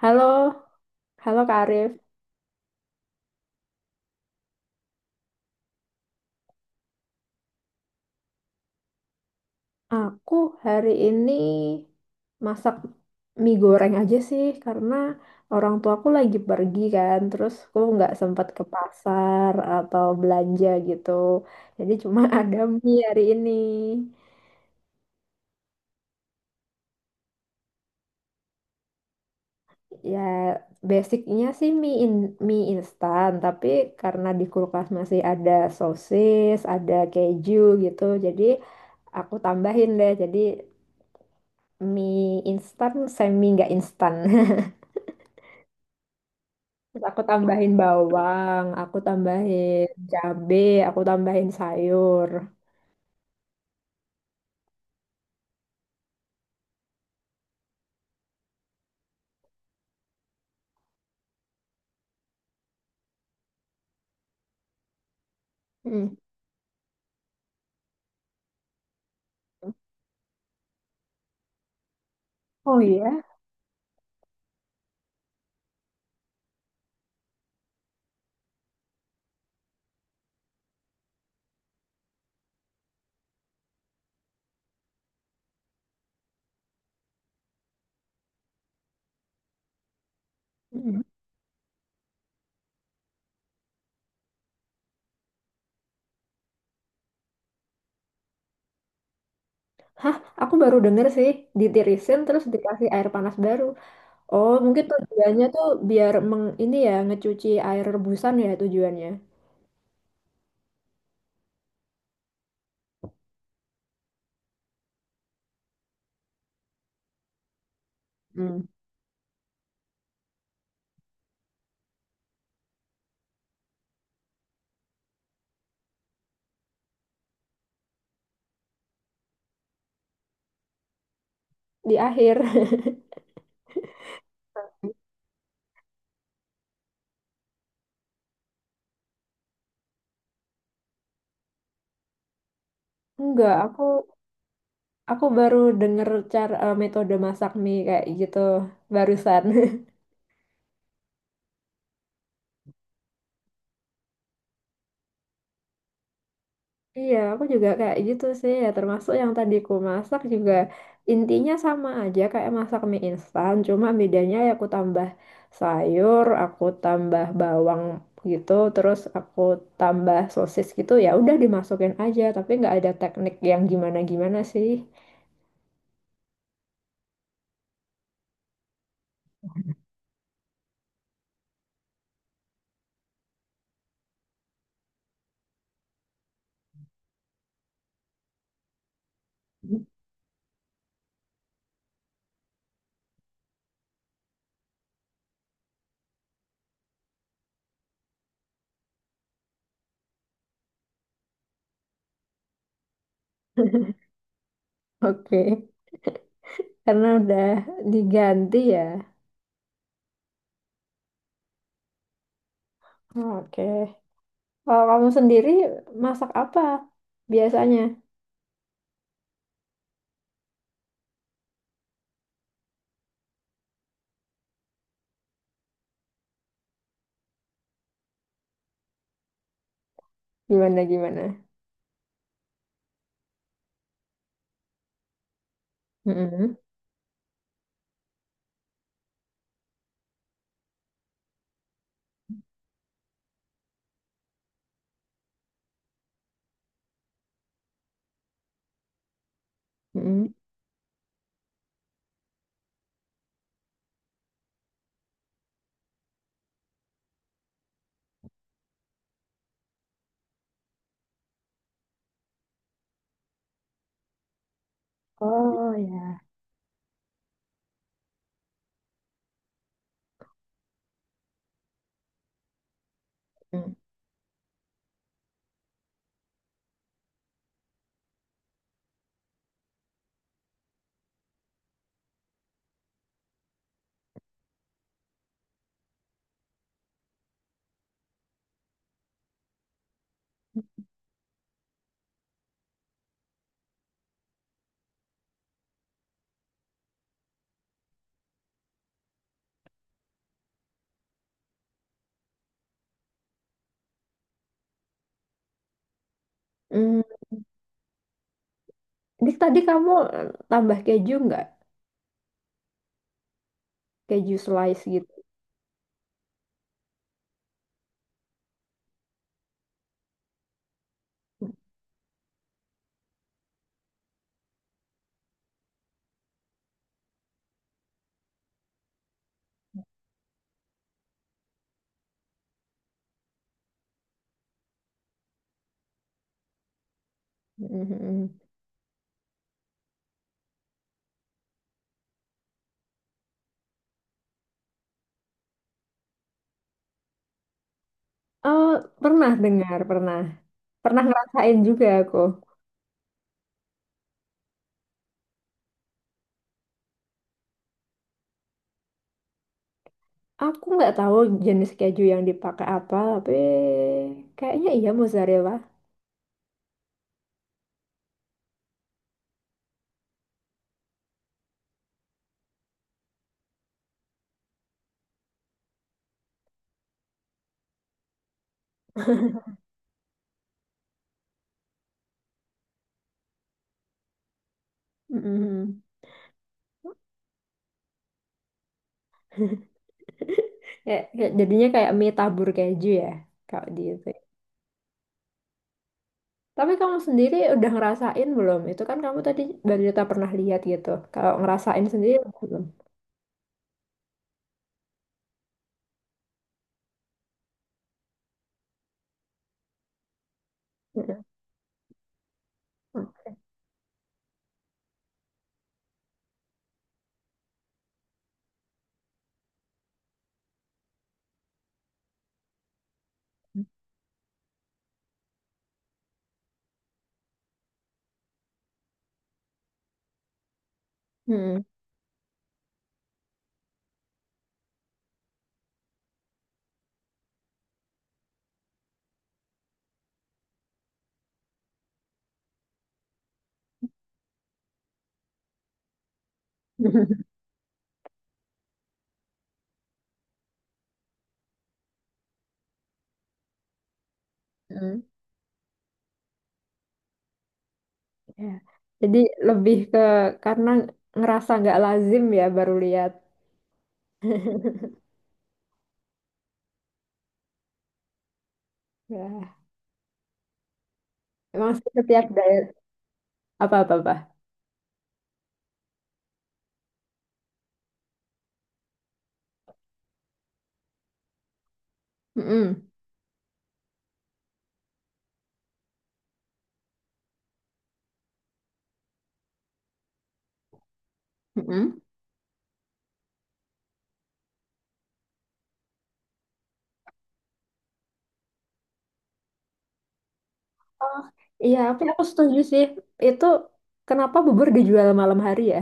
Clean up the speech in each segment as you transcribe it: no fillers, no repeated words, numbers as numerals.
Halo, halo Kak Arif. Aku hari ini masak mie goreng aja sih karena orang tuaku lagi pergi kan, terus aku nggak sempat ke pasar atau belanja gitu. Jadi cuma ada mie hari ini. Ya basicnya sih mie instan, tapi karena di kulkas masih ada sosis, ada keju gitu, jadi aku tambahin deh. Jadi mie instan semi nggak instan Terus aku tambahin bawang, aku tambahin cabe, aku tambahin sayur. Mm. Oh iya. Mm. Hah, aku baru denger sih ditirisin terus dikasih air panas baru. Oh, mungkin tujuannya tuh biar ini ya ngecuci air rebusan ya tujuannya. Mm. Di akhir. Enggak, aku baru denger cara metode masak mie kayak gitu barusan. Iya, aku juga kayak gitu sih ya. Termasuk yang tadi ku masak juga intinya sama aja kayak masak mie instan. Cuma bedanya ya aku tambah sayur, aku tambah bawang gitu, terus aku tambah sosis gitu. Ya udah dimasukin aja, tapi nggak ada teknik yang gimana-gimana sih. Oke. Karena udah diganti ya. Oke. Kalau kamu sendiri masak apa biasanya? Gimana-gimana? Mm-mm. Mm-mm. Oh ya. Mm. Hmm. Dik, tadi kamu tambah keju nggak? Keju slice gitu. Mhm. Oh, pernah dengar, pernah. Pernah ngerasain juga aku. Aku nggak tahu jenis keju yang dipakai apa, tapi kayaknya iya mozzarella. Mhm. Kayak, kayak- jadinya kayak mie tabur keju ya, kalau di itu. Tapi kamu sendiri udah ngerasain belum? Itu kan kamu tadi cerita pernah lihat gitu. Kalau ngerasain sendiri belum? Mhm. Oke. Mhm. Mm. Ya. Jadi lebih ke karena ngerasa nggak lazim ya baru lihat. Ya. Emang sih setiap daerah apa-apa-apa. Mm-mm. Mm-mm. Oh. Iya, tapi aku setuju sih. Itu kenapa bubur dijual malam hari ya?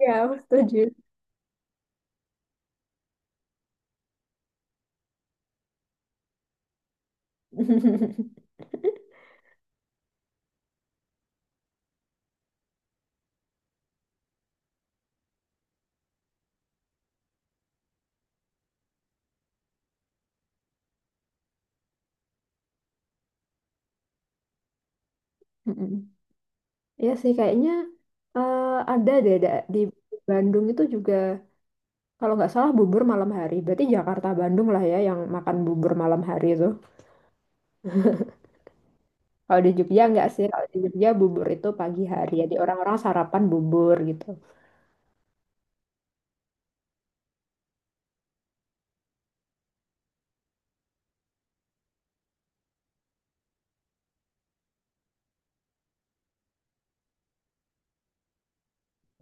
Iya, aku setuju. Mm-mm. Iya sih, kayaknya eh, ada deh di Bandung itu juga, kalau nggak salah bubur malam hari. Berarti Jakarta Bandung lah ya yang makan bubur malam hari itu. Kalau di Jogja enggak sih, kalau di Jogja bubur itu pagi hari, jadi orang-orang sarapan bubur gitu.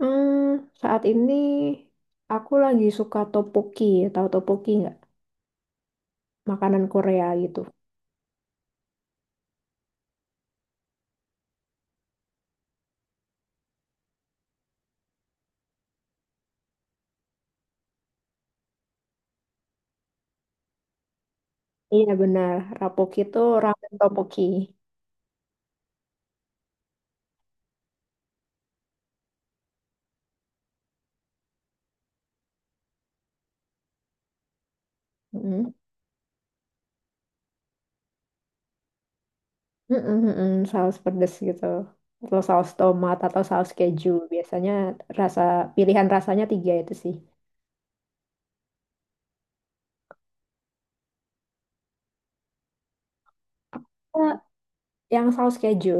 Hmm, saat ini aku lagi suka topoki, tahu topoki nggak? Makanan Korea gitu. Iya benar, rapoki itu ramen topoki. Mm. Mm-mm, mm-mm, saus pedas gitu. Atau saus tomat atau saus keju. Biasanya rasa pilihan rasanya tiga itu sih. Eh, Yang saus keju.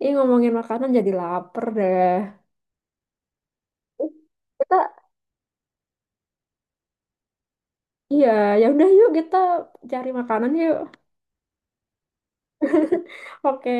Ini ngomongin makanan jadi lapar deh. Kita Iya, ya udah yuk kita cari makanan yuk. Oke.